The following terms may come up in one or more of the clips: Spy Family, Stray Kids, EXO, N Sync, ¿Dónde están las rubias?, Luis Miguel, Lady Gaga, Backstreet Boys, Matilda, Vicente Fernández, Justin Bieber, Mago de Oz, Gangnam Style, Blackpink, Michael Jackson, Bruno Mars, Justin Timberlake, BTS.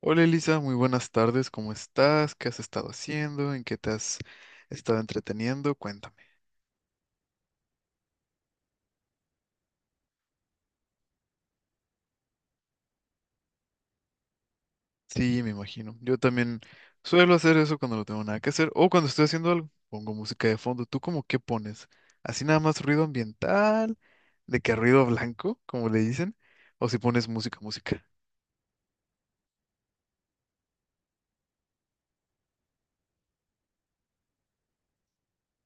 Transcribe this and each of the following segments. Hola Elisa, muy buenas tardes, ¿cómo estás? ¿Qué has estado haciendo? ¿En qué te has estado entreteniendo? Cuéntame. Sí, me imagino. Yo también suelo hacer eso cuando no tengo nada que hacer o cuando estoy haciendo algo. Pongo música de fondo. ¿Tú cómo qué pones? ¿Así nada más ruido ambiental? ¿De qué ruido blanco, como le dicen? ¿O si pones música, música?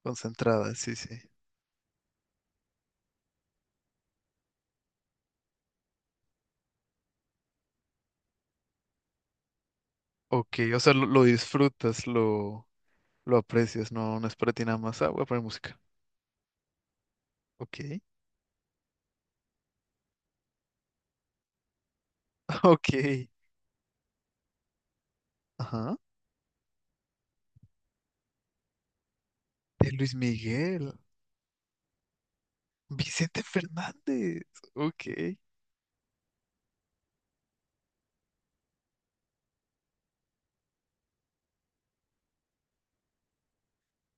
Concentrada, sí, sí. Ok, o sea, lo disfrutas, lo aprecias, no, no es para ti nada más. Ah, voy a poner música. Ok. Ok. Ajá. De Luis Miguel. Vicente Fernández. Ok.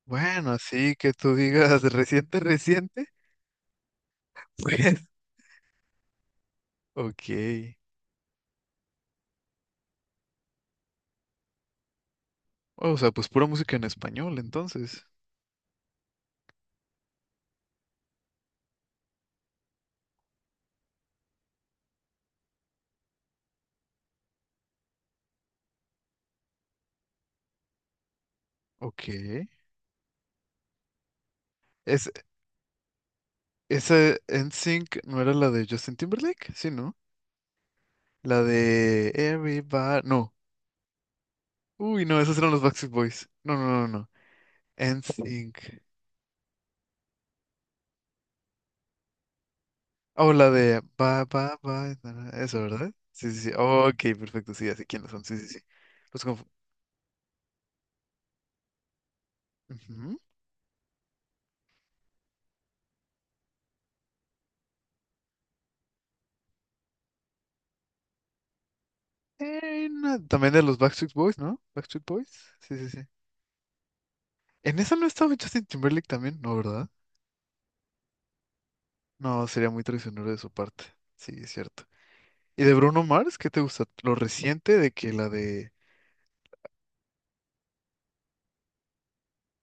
Bueno, sí, que tú digas reciente, reciente. Pues, ok. O sea, pues pura música en español, entonces. Ok. Es, esa N Sync no era la de Justin Timberlake, sí, ¿no? La de Everybody. No. Uy, no, esos eran los Backstreet Boys. No, no, no, no. N Sync. Oh, la de Bye, bye, bye, na, na. Eso, ¿verdad? Sí, sí, sí. Ok, perfecto. Sí, así quiénes son. Sí, sí, sí. Los confu- Ujú. No, también de los Backstreet Boys, ¿no? Backstreet Boys. Sí, sí, sí. En esa no estaba Justin Timberlake también, ¿no, verdad? No, sería muy traicionero de su parte. Sí, es cierto. ¿Y de Bruno Mars? ¿Qué te gusta? Lo reciente de que la de.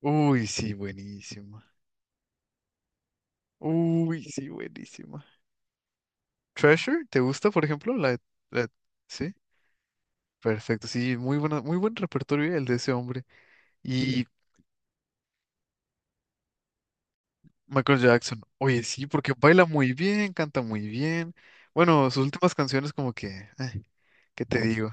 Uy, sí, buenísima. Uy, sí, buenísima. Treasure, ¿te gusta, por ejemplo? La- Sí, perfecto. Sí, muy buena, muy buen repertorio el de ese hombre. Y Michael Jackson. Oye, sí, porque baila muy bien, canta muy bien. Bueno, sus últimas canciones como que, eh, ¿qué te digo?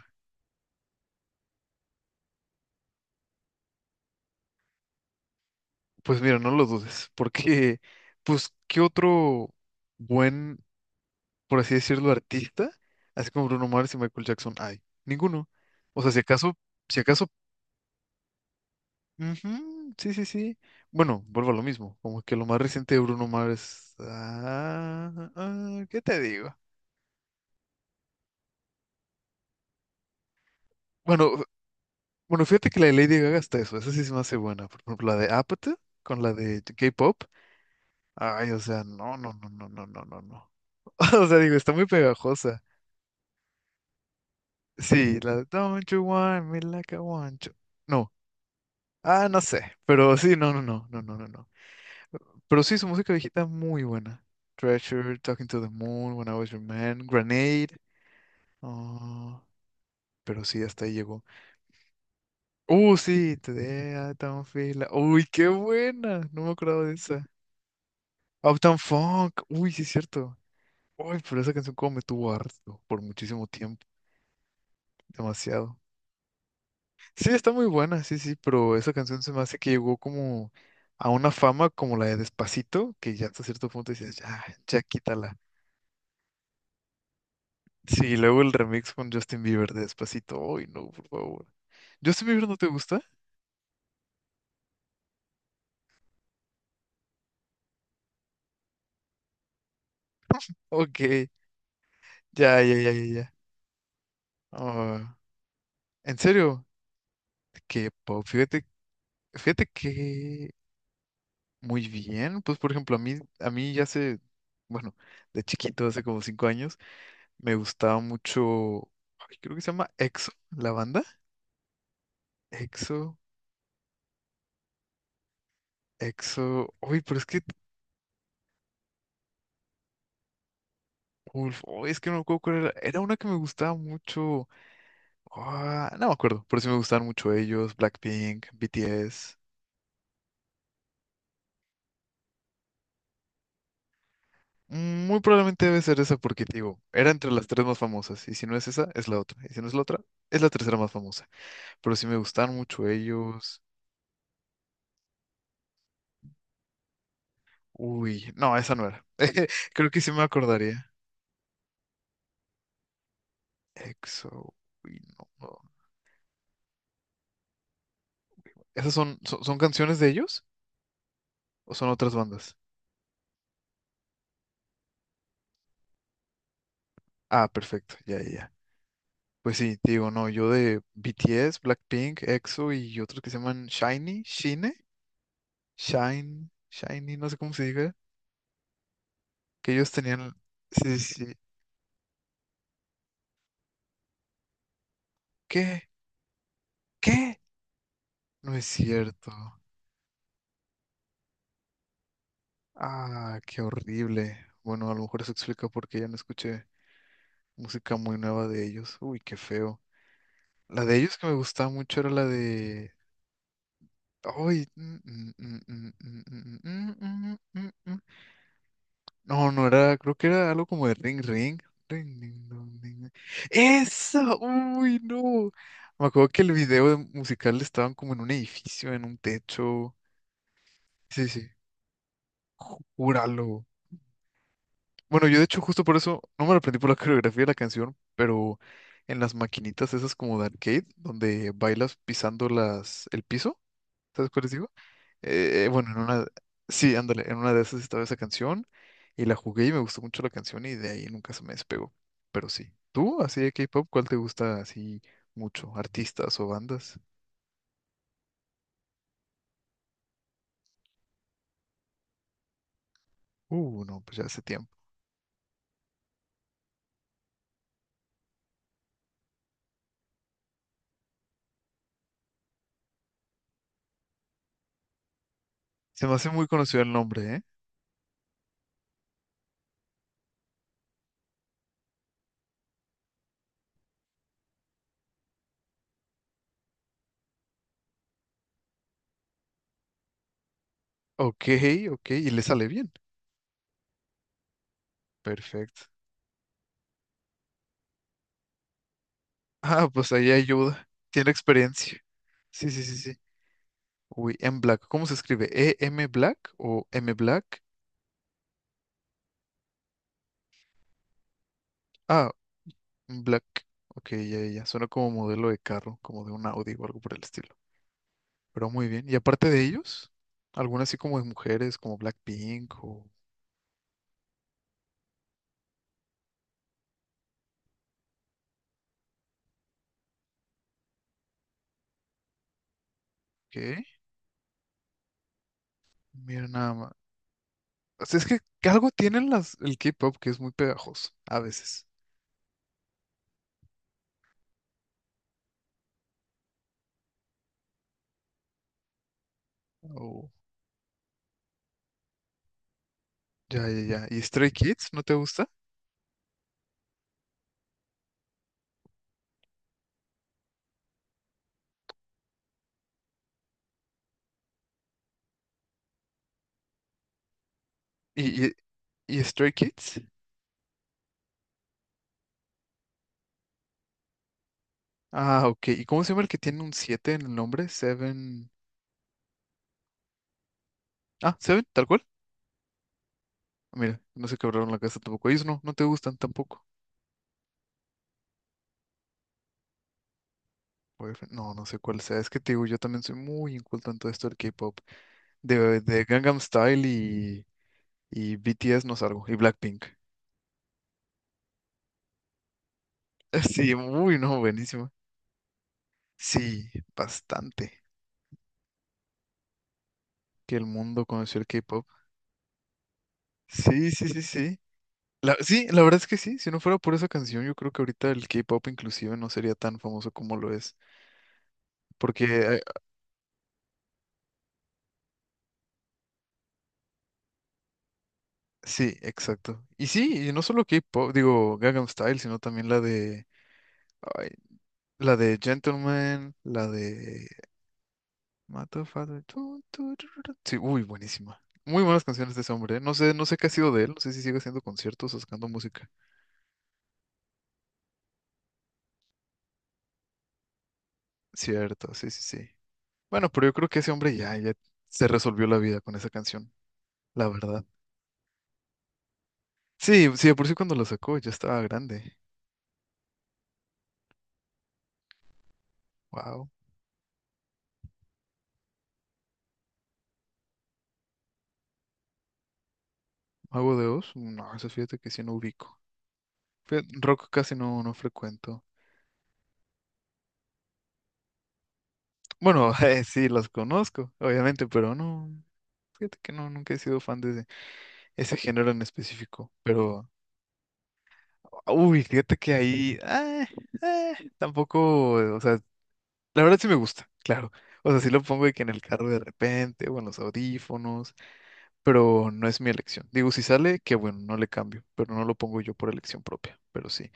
Pues mira, no lo dudes, porque, pues, ¿qué otro buen, por así decirlo, artista, así como Bruno Mars y Michael Jackson hay? Ninguno. O sea, si acaso, si acaso, ujú, sí, sí, sí. Bueno, vuelvo a lo mismo, como que lo más reciente de Bruno Mars, ¿qué te digo? Bueno, Bueno, fíjate que la de Lady Gaga está esa sí se me hace buena. Por ejemplo, la de Apathy con la de K-pop. Ay, o sea, no, no, no, no, no, no, no, no. O sea, digo, está muy pegajosa. Sí, la de Don't You Want Me Like I Want You. No, ah, no sé, pero sí, no, no, no, no, no, no, no. Pero sí, su música viejita muy buena. Treasure, Talking to the Moon, When I Was Your Man, Grenade. Oh, pero sí, hasta ahí llegó. Sí, Today I Don't Feel Uy, qué buena, no me acordaba de esa. Uptown Funk. Uy, sí es cierto. Uy, pero esa canción como me tuvo harto por muchísimo tiempo, demasiado. Sí, está muy buena, sí, sí, pero esa canción se me hace que llegó como a una fama como la de Despacito, que ya hasta cierto punto decías, ya, ya quítala. Sí, y luego el remix con Justin Bieber de Despacito. Uy, no, por favor. ¿Justin Bieber no te gusta? Ok, ya, ya, ya, ya, ya. Ah, ¿en serio? K-pop, fíjate que muy bien, pues por ejemplo, a mí ya hace, bueno, de chiquito, hace como 5 años, me gustaba mucho, ay, creo que se llama EXO, la banda. EXO, EXO, uy, pero es que, uf, uy, es que no me acuerdo cuál era, era una que me gustaba mucho, ah, no me acuerdo, pero sí me gustaban mucho ellos, Blackpink, BTS. Muy probablemente debe ser esa porque, te digo, era entre las tres más famosas, y si no es esa, es la otra, y si no es la otra, es la tercera más famosa, pero sí me gustaban mucho ellos. Uy, no, esa no era. Creo que sí me acordaría. EXO. Uy, no, no. ¿Esas son, son canciones de ellos o son otras bandas? Ah, perfecto, ya, ya, ya. Pues sí, te digo, no, yo de BTS, Blackpink, EXO y otros que se llaman Shiny, Shine, Shine, Shiny, no sé cómo se diga, que ellos tenían. Sí, sí, sí. ¿Qué? ¿Qué? No es cierto. Ah, qué horrible. Bueno, a lo mejor eso explica por qué ya no escuché música muy nueva de ellos. Uy, qué feo. La de ellos que me gustaba mucho era la de. Ay, No, no era, creo que era algo como de ring ring. Ring, ding, dong, ding, ding. ¡Eso! ¡Uy, no! Me acuerdo que el video musical estaban como en un edificio, en un techo. Sí, sí, júralo. Bueno, yo de hecho justo por eso no me lo aprendí por la coreografía de la canción, pero en las maquinitas esas como de arcade, donde bailas pisando el piso. ¿Sabes cuál es? Bueno, en una, sí, ándale, en una de esas estaba esa canción y la jugué y me gustó mucho la canción y de ahí nunca se me despegó. Pero sí. ¿Tú, así de K-pop, cuál te gusta así mucho? ¿Artistas o bandas? No, pues ya hace tiempo. Se me hace muy conocido el nombre, ¿eh? Ok, ok, y le sale bien. Perfecto. Ah, pues ahí ayuda. Tiene experiencia. Sí, sí, sí, sí. Uy, M Black. ¿Cómo se escribe? ¿E-M Black o M Black? Ah Black. Ok, ya, ya, ya. Suena como modelo de carro, como de un Audi o algo por el estilo. Pero muy bien. Y aparte de ellos, algunas así como de mujeres, como Blackpink o qué. Mira nada más. O sea, es que algo tienen el K-pop que es muy pegajoso, a veces. Oh, ya, ya, ya. ¿Y Stray Kids? ¿No te gusta? ¿Y, y, y Stray Kids? Ah, ok. ¿Y cómo se llama el que tiene un 7 en el nombre? Seven. Ah, Seven, tal cual. Mira, no se quebraron la casa tampoco. Ellos no, no te gustan tampoco. Boyfriend. No, no sé cuál sea. Es que te digo, yo también soy muy inculto en todo esto del K-pop. De Gangnam Style y BTS no salgo. Y Blackpink. Sí, muy no, buenísimo. Sí, bastante. Que el mundo conoció el K-pop. Sí, sí, sí, sí. La, sí, la verdad es que sí. Si no fuera por esa canción, yo creo que ahorita el K-pop inclusive no sería tan famoso como lo es. Porque eh, sí, exacto. Y sí, y no solo K-pop, digo, Gangnam Style, sino también la de. La de Gentleman, la de Mato Father. Tu, tu, tu, tu, tu. Sí, uy, buenísima. Muy buenas canciones de ese hombre. ¿Eh? No sé, no sé qué ha sido de él. No sé si sigue haciendo conciertos o sacando música. Cierto, sí, sí, sí. Bueno, pero yo creo que ese hombre ya, ya se resolvió la vida con esa canción, la verdad. Sí, sí, de por sí cuando la sacó ya estaba grande. Wow. ¿Mago de Oz? No, eso fíjate que sí no ubico. Fíjate, rock casi no, no frecuento. Bueno, sí, las conozco, obviamente, pero no. Fíjate que no, nunca he sido fan de, ese género en específico, pero, uy, fíjate que ahí, ah, tampoco, o sea, la verdad sí me gusta, claro, o sea, sí lo pongo de que en el carro de repente o en los audífonos, pero no es mi elección. Digo, si sale, que bueno, no le cambio, pero no lo pongo yo por elección propia, pero sí.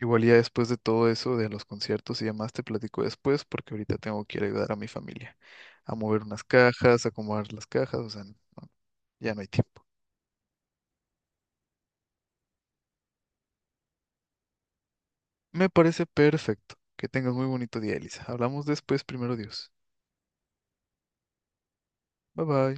Igual ya después de todo eso, de los conciertos y demás, te platico después, porque ahorita tengo que ir a ayudar a mi familia a mover unas cajas, a acomodar las cajas, o sea, no, ya no hay tiempo. Me parece perfecto. Que tengas muy bonito día, Elisa. Hablamos después, primero Dios. Bye bye.